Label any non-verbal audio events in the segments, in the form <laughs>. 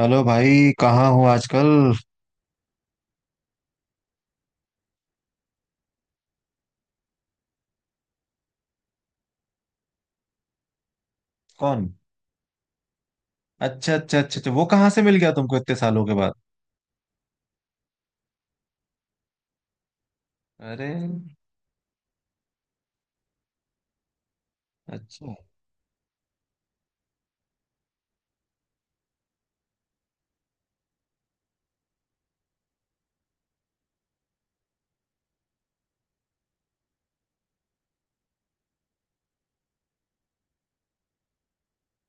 Hello भाई, कहाँ हो आजकल। कौन? अच्छा अच्छा अच्छा अच्छा, वो कहाँ से मिल गया तुमको इतने सालों के बाद। अरे। अच्छा।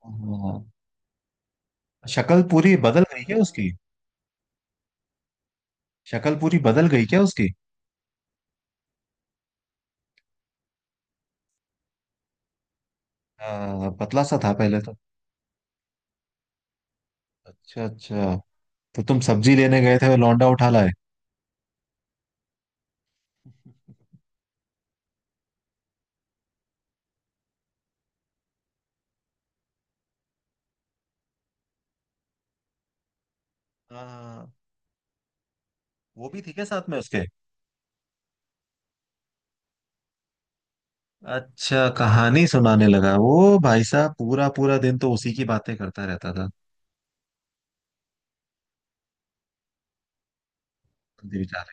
हाँ। शक्ल पूरी बदल गई क्या उसकी? शक्ल पूरी बदल गई क्या उसकी? हाँ, पतला सा था पहले तो। अच्छा अच्छा। तो तुम सब्जी लेने गए थे लौंडा उठा लाए। हाँ, वो भी थी क्या साथ में उसके? अच्छा, कहानी सुनाने लगा वो भाई साहब। पूरा पूरा दिन तो उसी की बातें करता रहता था।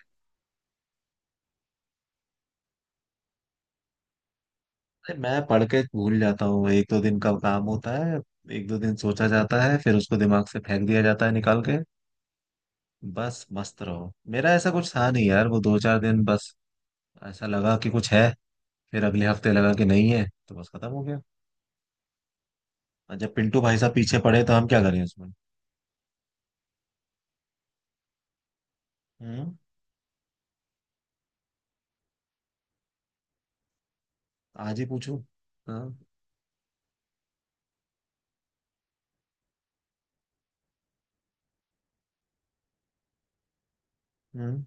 अरे, मैं पढ़ के भूल जाता हूँ। एक दो दिन का काम होता है। एक दो दिन सोचा जाता है फिर उसको दिमाग से फेंक दिया जाता है निकाल के। बस मस्त रहो। मेरा ऐसा कुछ था नहीं यार। वो दो चार दिन बस ऐसा लगा कि कुछ है, फिर अगले हफ्ते लगा कि नहीं है तो बस खत्म हो गया। और जब पिंटू भाई साहब पीछे पड़े तो हम क्या करें उसमें। हम्म। आज ही पूछूं। हाँ। हम्म।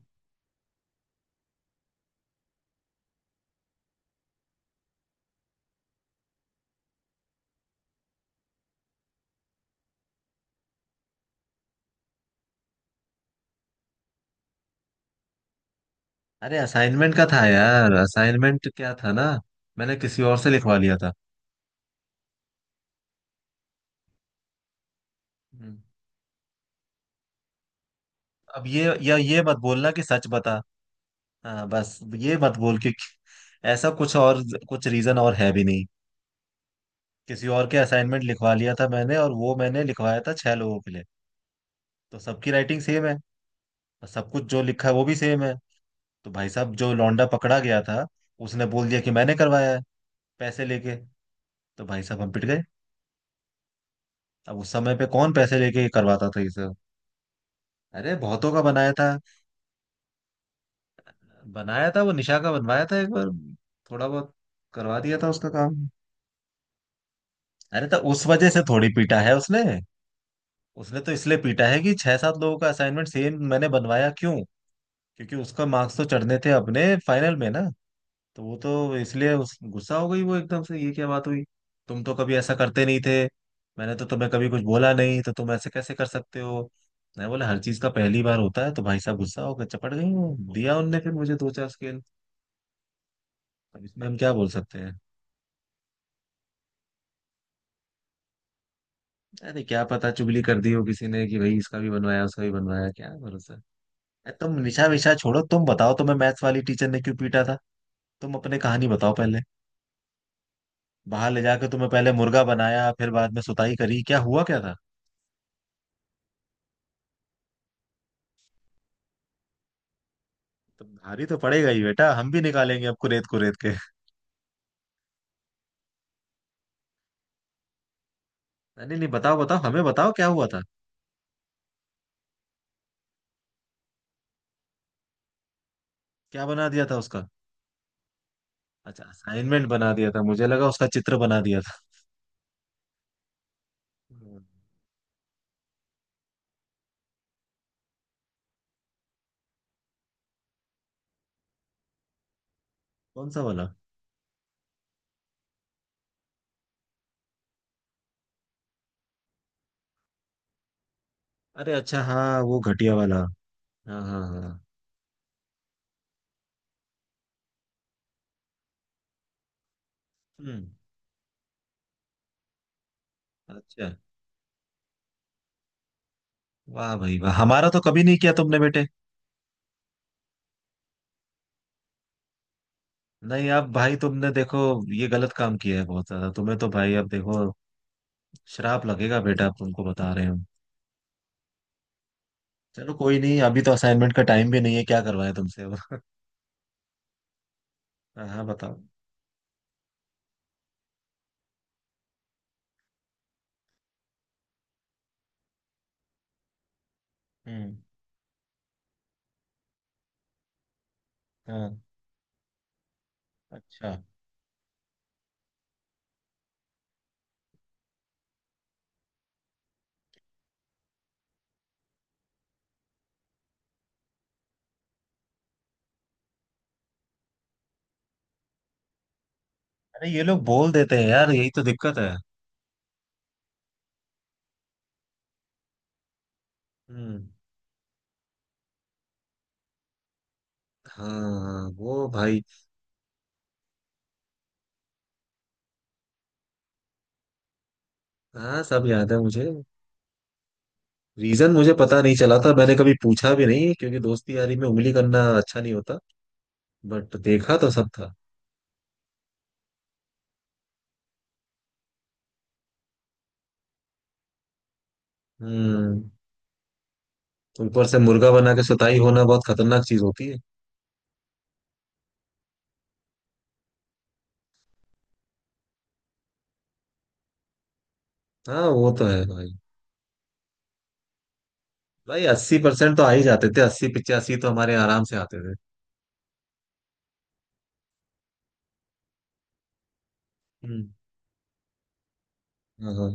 अरे असाइनमेंट का था यार। असाइनमेंट क्या था ना, मैंने किसी और से लिखवा लिया था। हम्म। अब ये या ये मत बोलना कि सच बता। हाँ, बस ये मत बोल के। ऐसा कुछ और कुछ रीजन और है भी नहीं। किसी और के असाइनमेंट लिखवा लिया था मैंने, और वो मैंने लिखवाया था छह लोगों के लिए। तो सबकी राइटिंग सेम है, और सब कुछ जो लिखा है वो भी सेम है। तो भाई साहब, जो लौंडा पकड़ा गया था, उसने बोल दिया कि मैंने करवाया है, पैसे लेके। तो भाई साहब हम पिट गए। अब उस समय पे कौन पैसे लेके ये करवाता था ये सब। अरे बहुतों का बनाया था। बनाया था, वो निशा का बनवाया था एक बार। थोड़ा बहुत करवा दिया था उसका काम। अरे तो उस वजह से थोड़ी पीटा है उसने। उसने तो इसलिए पीटा है कि छह सात लोगों का असाइनमेंट सेम मैंने बनवाया क्यों। क्योंकि उसका मार्क्स तो चढ़ने थे अपने फाइनल में ना। तो वो तो इसलिए उस गुस्सा हो गई वो एकदम से, ये क्या बात हुई, तुम तो कभी ऐसा करते नहीं थे, मैंने तो तुम्हें कभी कुछ बोला नहीं, तो तुम ऐसे कैसे कर सकते हो। मैं बोला हर चीज का पहली बार होता है। तो भाई साहब गुस्सा होकर चपट गई हूँ दिया उनने फिर मुझे दो चार स्केल। अब इसमें हम क्या बोल सकते हैं। अरे क्या पता चुगली कर दी हो किसी ने कि भाई इसका भी बनवाया उसका भी बनवाया, क्या भरोसा। तुम निशा विशा छोड़ो, तुम बताओ, तुम्हें मैथ्स वाली टीचर ने क्यों पीटा था। तुम अपने कहानी बताओ पहले। बाहर ले जाकर तुम्हें पहले मुर्गा बनाया फिर बाद में सुताई करी, क्या हुआ क्या था। तुम भारी तो पड़ेगा ही बेटा, हम भी निकालेंगे आपको रेत को रेत के। नहीं नहीं, बताओ बताओ, हमें बताओ क्या हुआ था। क्या बना दिया था उसका? अच्छा, असाइनमेंट बना दिया था। मुझे लगा उसका चित्र बना दिया था। हम्म। कौन सा वाला? अरे अच्छा, हाँ, वो घटिया वाला। हाँ हाँ हाँ। हम्म। अच्छा। वाह भाई वाह, हमारा तो कभी नहीं किया तुमने बेटे। नहीं, अब भाई तुमने देखो, ये गलत काम किया है बहुत ज्यादा तुम्हें तो भाई। अब देखो, श्राप लगेगा बेटा, अब तुमको बता रहे हो। चलो कोई नहीं, अभी तो असाइनमेंट का टाइम भी नहीं है, क्या करवाएं तुमसे अब। <laughs> हाँ हाँ, बताओ। हम्म। हाँ। अच्छा। अरे ये लोग बोल देते हैं यार, यही तो दिक्कत है। हम्म। हाँ, वो भाई। हाँ, सब याद है मुझे। रीजन मुझे पता नहीं चला था, मैंने कभी पूछा भी नहीं क्योंकि दोस्ती यारी में उंगली करना अच्छा नहीं होता। बट देखा तो सब था। हम्म। ऊपर से मुर्गा बना के सुताई होना बहुत खतरनाक चीज होती है। हाँ वो तो है भाई। भाई 80% तो आ ही जाते थे, 80-85 तो हमारे आराम से आते थे। हम्म। हाँ हाँ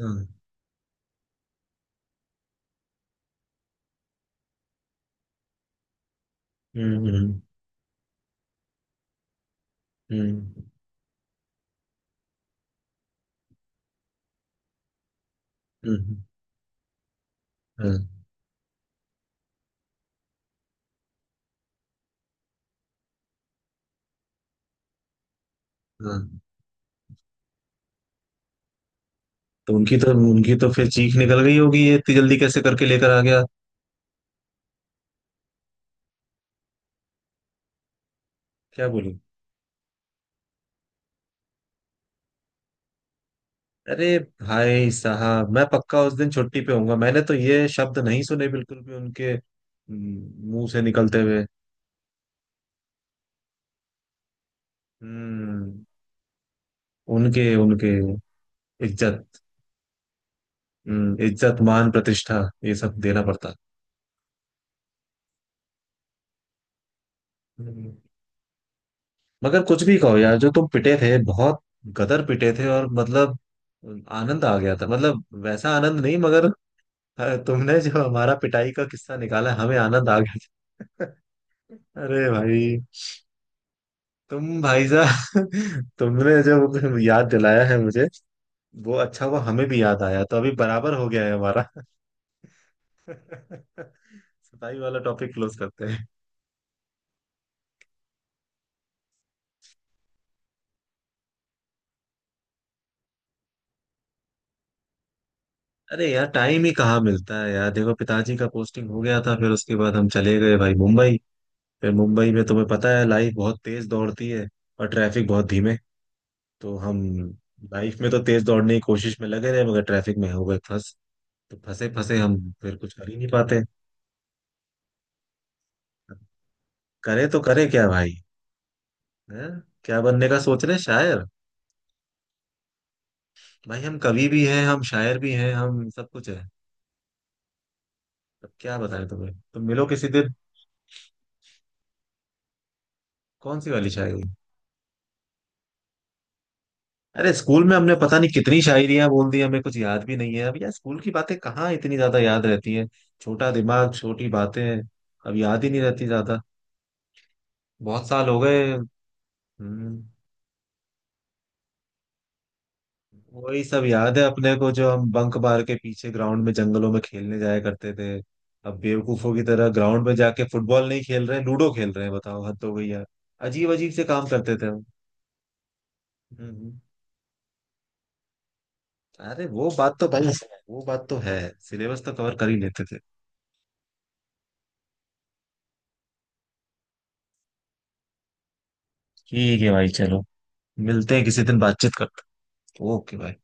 हाँ, हम्म। हम्म। हम्म। हम्म, हाँ। हाँ। तो उनकी तो फिर चीख निकल गई होगी, ये इतनी जल्दी कैसे करके लेकर आ गया। क्या बोली? अरे भाई साहब, मैं पक्का उस दिन छुट्टी पे होऊंगा, मैंने तो ये शब्द नहीं सुने बिल्कुल भी उनके मुंह से निकलते हुए। हम्म। उनके उनके इज्जत। इज्जत मान प्रतिष्ठा, ये सब देना पड़ता। हम्म। मगर कुछ भी कहो यार, जो तुम पिटे थे बहुत। गदर पिटे थे, और मतलब आनंद आ गया था, मतलब वैसा आनंद नहीं, मगर तुमने जो हमारा पिटाई का किस्सा निकाला, हमें आनंद आ गया था। <laughs> अरे भाई, तुम भाई साहब, <laughs> तुमने जो याद दिलाया है मुझे, वो अच्छा हुआ, हमें भी याद आया, तो अभी बराबर हो गया है हमारा। <laughs> सफाई वाला टॉपिक क्लोज करते हैं। अरे यार, टाइम ही कहाँ मिलता है यार। देखो पिताजी का पोस्टिंग हो गया था, फिर उसके बाद हम चले गए भाई मुंबई। फिर मुंबई में तुम्हें पता है, लाइफ बहुत तेज दौड़ती है और ट्रैफिक बहुत धीमे। तो हम लाइफ में तो तेज दौड़ने की कोशिश में लगे रहे, मगर ट्रैफिक में हो गए फंस। तो फंसे फंसे हम फिर कुछ कर ही नहीं पाते। करे तो करे क्या भाई। हैं? क्या बनने का सोच रहे हैं? शायर? भाई हम कवि भी हैं, हम शायर भी हैं, हम सब कुछ है। अब क्या बताएं तुम्हें, तुम मिलो किसी दिन। कौन सी वाली शायरी? अरे स्कूल में हमने पता नहीं कितनी शायरियां बोल दी, हमें कुछ याद भी नहीं है अब यार। स्कूल की बातें कहाँ इतनी ज्यादा याद रहती हैं। छोटा दिमाग छोटी बातें, अब याद ही नहीं रहती ज्यादा। बहुत साल हो गए। हम्म, वही सब याद है अपने को जो हम बंक मार के पीछे ग्राउंड में जंगलों में खेलने जाया करते थे। अब बेवकूफों की तरह ग्राउंड में जाके फुटबॉल नहीं खेल रहे, लूडो खेल रहे हैं, बताओ हद हो गई यार। अजीब अजीब से काम करते थे हम। हम्म, अरे वो बात तो भाई वो बात तो है, सिलेबस तो कवर कर ही लेते थे। ठीक है भाई चलो, मिलते हैं किसी दिन, बातचीत करते हैं। ओके भाई।